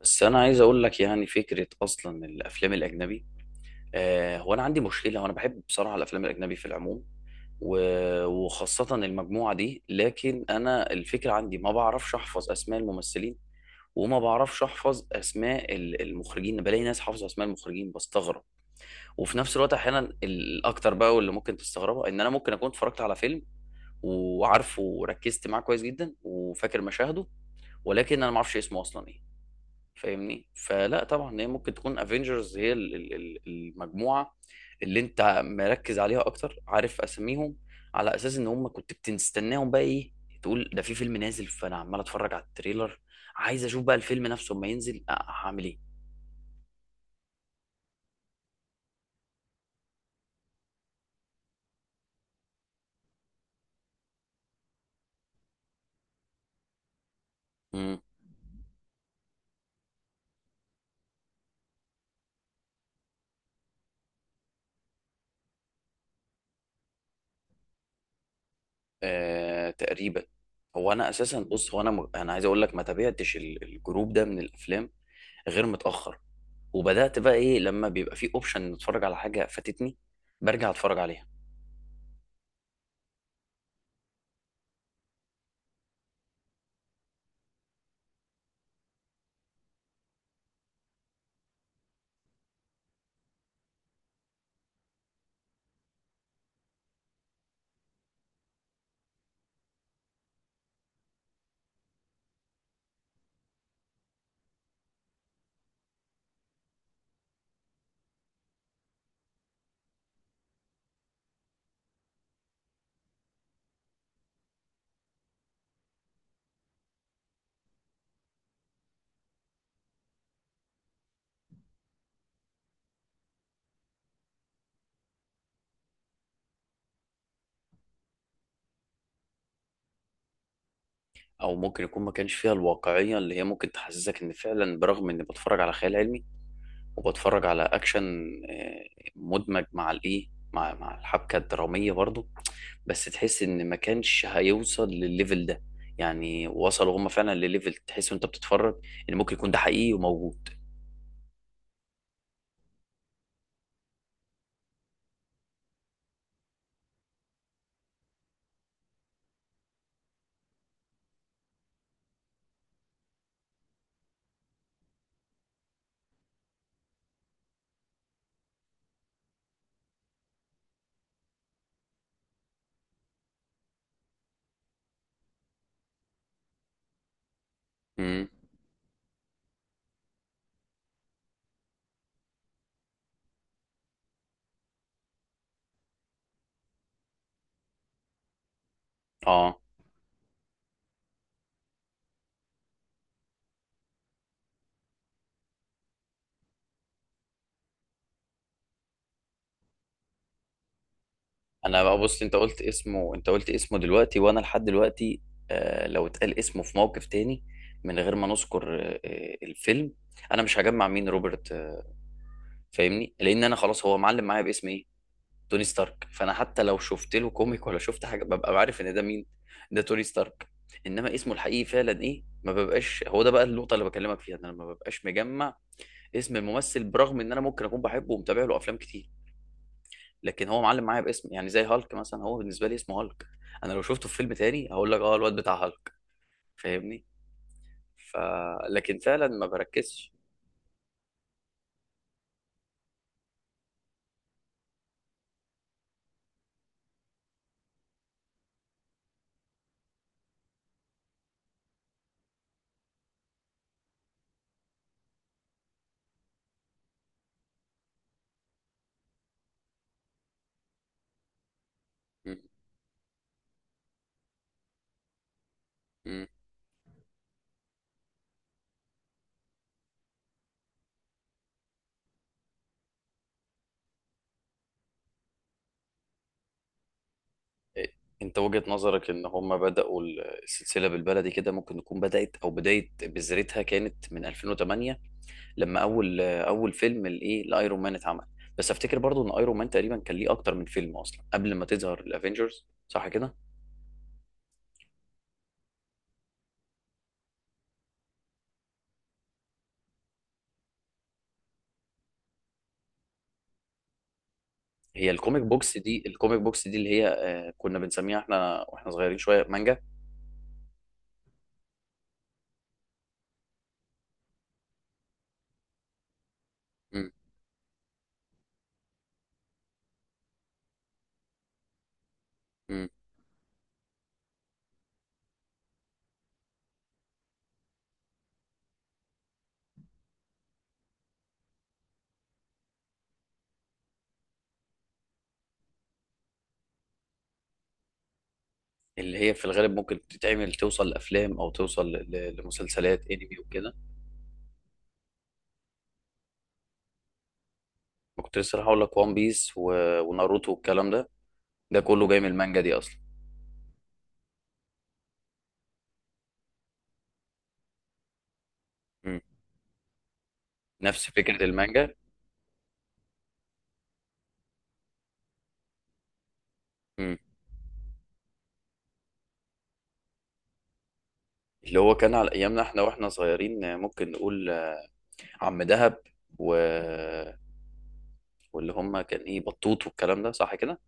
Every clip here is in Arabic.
بس انا عايز اقول لك يعني فكره اصلا الافلام الاجنبي. هو انا عندي مشكله، وانا بحب بصراحه الافلام الاجنبي في العموم، وخاصه المجموعه دي. لكن انا الفكره عندي ما بعرفش احفظ اسماء الممثلين، وما بعرفش احفظ اسماء المخرجين. بلاقي ناس حافظه اسماء المخرجين بستغرب. وفي نفس الوقت احيانا الاكتر بقى، واللي ممكن تستغربها، ان انا ممكن اكون اتفرجت على فيلم، وعارفه وركزت معاه كويس جدا، وفاكر مشاهده، ولكن انا ما اعرفش اسمه اصلا ايه. فاهمني؟ فلا طبعا هي ممكن تكون افنجرز، هي المجموعه اللي انت مركز عليها اكتر، عارف اساميهم، على اساس ان هم كنت بتستناهم بقى ايه. تقول ده في فيلم نازل، فانا عمال اتفرج على التريلر، عايز اشوف بقى الفيلم نفسه اما ينزل. هعمل ايه؟ امم آه، تقريبا. هو انا اساسا بص، هو انا انا عايز اقول لك ما تابعتش الجروب ده من الافلام غير متاخر. وبدات بقى ايه، لما بيبقى في اوبشن نتفرج على حاجه فاتتني، برجع اتفرج عليها. او ممكن يكون ما كانش فيها الواقعيه اللي هي ممكن تحسسك ان فعلا، برغم اني بتفرج على خيال علمي وبتفرج على اكشن آه، مدمج مع الايه، مع الحبكه الدراميه برضو، بس تحس ان ما كانش هيوصل للليفل ده. يعني وصلوا هم فعلا لليفل تحس وانت بتتفرج ان ممكن يكون ده حقيقي وموجود. امم اه. انا بقى بص، انت قلت اسمه دلوقتي، وانا لحد دلوقتي لو اتقال اسمه في موقف تاني من غير ما نذكر الفيلم، انا مش هجمع مين روبرت فاهمني، لان انا خلاص هو معلم معايا باسم ايه، توني ستارك. فانا حتى لو شفت له كوميك ولا شفت حاجه، ببقى عارف ان ده مين، ده توني ستارك. انما اسمه الحقيقي فعلا ايه، ما ببقاش. هو ده بقى النقطه اللي بكلمك فيها، ان انا ما ببقاش مجمع اسم الممثل، برغم ان انا ممكن اكون بحبه ومتابع له افلام كتير. لكن هو معلم معايا باسم، يعني زي هالك مثلا، هو بالنسبه لي اسمه هالك. انا لو شفته في فيلم تاني هقول لك اه الواد بتاع هالك. فاهمني؟ ف لكن فعلا ما بركزش. م- م. إيه، انت وجهة نظرك ان هم بدأوا السلسلة، بالبلدي كده، ممكن تكون بدأت او بداية بذرتها كانت من 2008، لما اول فيلم الايه لايرون مان اتعمل. بس افتكر برضو ان ايرون مان تقريبا كان ليه اكتر من فيلم اصلا قبل ما تظهر الافينجرز، صح كده؟ هي الكوميك بوكس دي اللي هي كنا بنسميها احنا واحنا صغيرين شويه مانجا. مم. مم. اللي هي في الغالب ممكن تتعمل، توصل لافلام او توصل لمسلسلات انمي وكده. ما كنت لسه هقول لك وان بيس و... وناروتو والكلام ده، ده كله جاي من المانجا دي اصلا. مم. نفس فكره المانجا. مم. اللي هو كان على ايامنا احنا واحنا صغيرين، ممكن نقول عم دهب و... واللي هم كان ايه بطوط والكلام ده، صح كده؟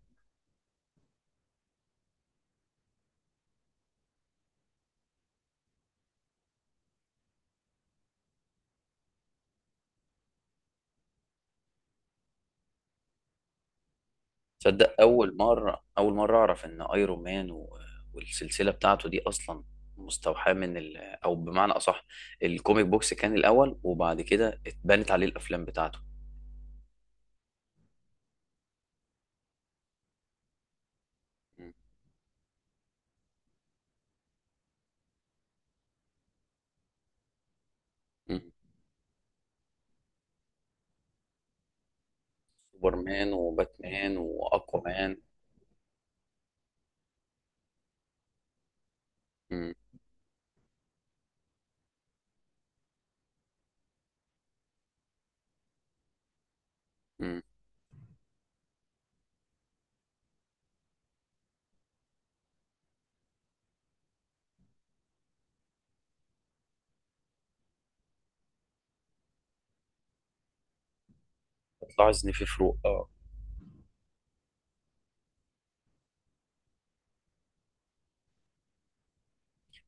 تصدق اول مره، اعرف ان ايرون مان و... والسلسله بتاعته دي اصلا مستوحاه من ال... او بمعنى اصح، الكوميك بوكس كان الاول، وبعد كده اتبنت عليه الافلام بتاعته. م- م. سوبرمان وباتمان واكوامان. م- م. بتلاحظ ان في فروق، اه.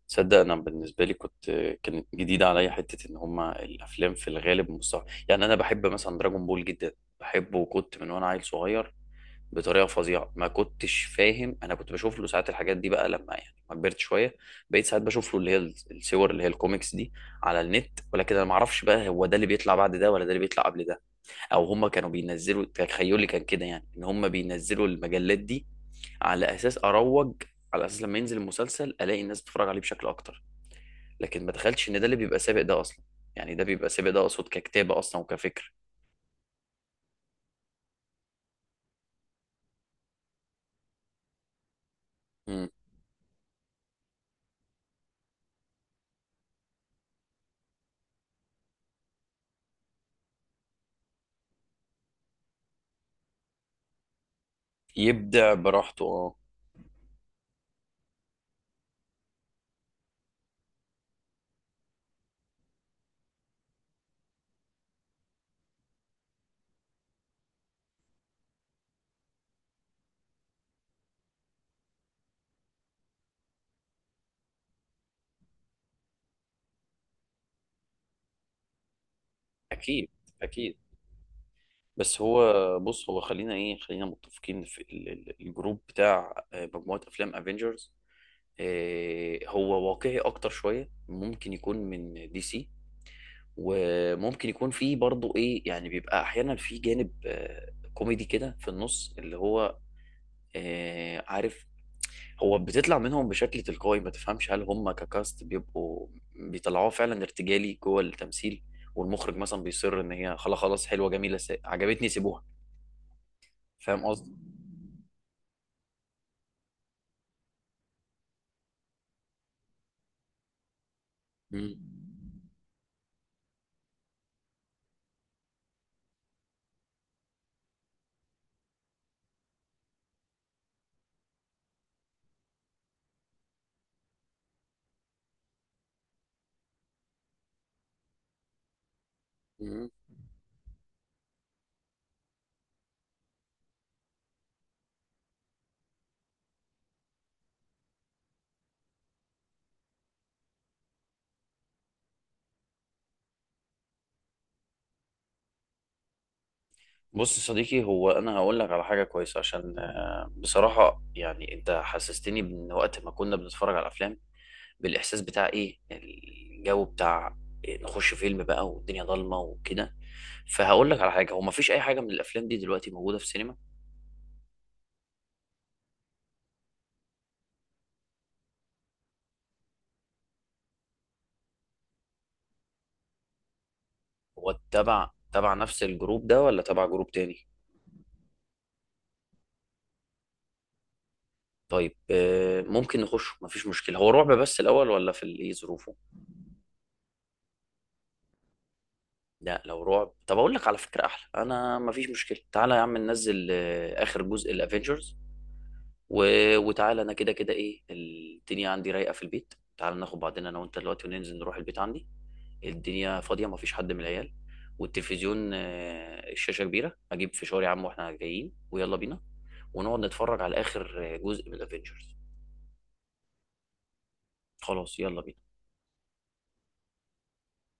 تصدق انا بالنسبه لي كنت، كانت جديده عليا حته ان هما الافلام في الغالب مستوحاه. يعني انا بحب مثلا دراجون بول جدا، بحبه وكنت من وانا عيل صغير بطريقه فظيعه. ما كنتش فاهم انا كنت بشوف له ساعات الحاجات دي. بقى لما يعني ما كبرت شويه، بقيت ساعات بشوف له اللي هي الصور اللي هي الكوميكس دي على النت. ولكن انا ما اعرفش بقى هو ده اللي بيطلع بعد ده ولا ده اللي بيطلع قبل ده، او هم كانوا بينزلوا. تخيلي كان كده، يعني ان هم بينزلوا المجلات دي على اساس اروج، على اساس لما ينزل المسلسل الاقي الناس بتتفرج عليه بشكل اكتر. لكن ما تخيلتش ان ده اللي بيبقى سابق ده اصلا. يعني ده بيبقى سابق، ده اقصد ككتابه اصلا وكفكر. مم. يبدع براحته، اه. اكيد اكيد. بس هو بص، هو خلينا ايه، خلينا متفقين في الجروب بتاع مجموعة افلام افنجرز. هو واقعي اكتر شوية ممكن يكون من دي سي. وممكن يكون فيه برضه ايه، يعني بيبقى احيانا فيه جانب كوميدي كده في النص اللي هو عارف، هو بتطلع منهم بشكل تلقائي، ما تفهمش هل هم ككاست بيبقوا بيطلعوه فعلا ارتجالي جوه التمثيل، والمخرج مثلا بيصر ان هي خلاص. حلوة جميلة، عجبتني سيبوها. فاهم قصدي؟ مم. بص يا صديقي، هو انا هقول لك على حاجه كويسه، عشان بصراحه يعني انت حسستني من وقت ما كنا بنتفرج على الافلام بالاحساس بتاع ايه، الجو بتاع إيه، نخش فيلم بقى والدنيا ضلمه وكده. فهقول لك على حاجه، هو مفيش اي حاجه من الافلام دي دلوقتي موجوده في السينما. هو تبع نفس الجروب ده، ولا تبع جروب تاني؟ طيب ممكن نخش مفيش مشكله، هو رعب بس الاول، ولا في الايه ظروفه؟ لا لو رعب، طب اقول لك على فكره احلى، انا مفيش مشكله، تعالى يا عم ننزل اخر جزء الافينجرز و... وتعالى، انا كده كده ايه الدنيا عندي رايقه في البيت. تعالى ناخد بعضنا انا وانت دلوقتي، وننزل نروح البيت عندي، الدنيا فاضيه مفيش حد من العيال، والتلفزيون الشاشه كبيره، اجيب فشار يا عم واحنا جايين، ويلا بينا ونقعد نتفرج على اخر جزء من الافينجرز. خلاص يلا بينا.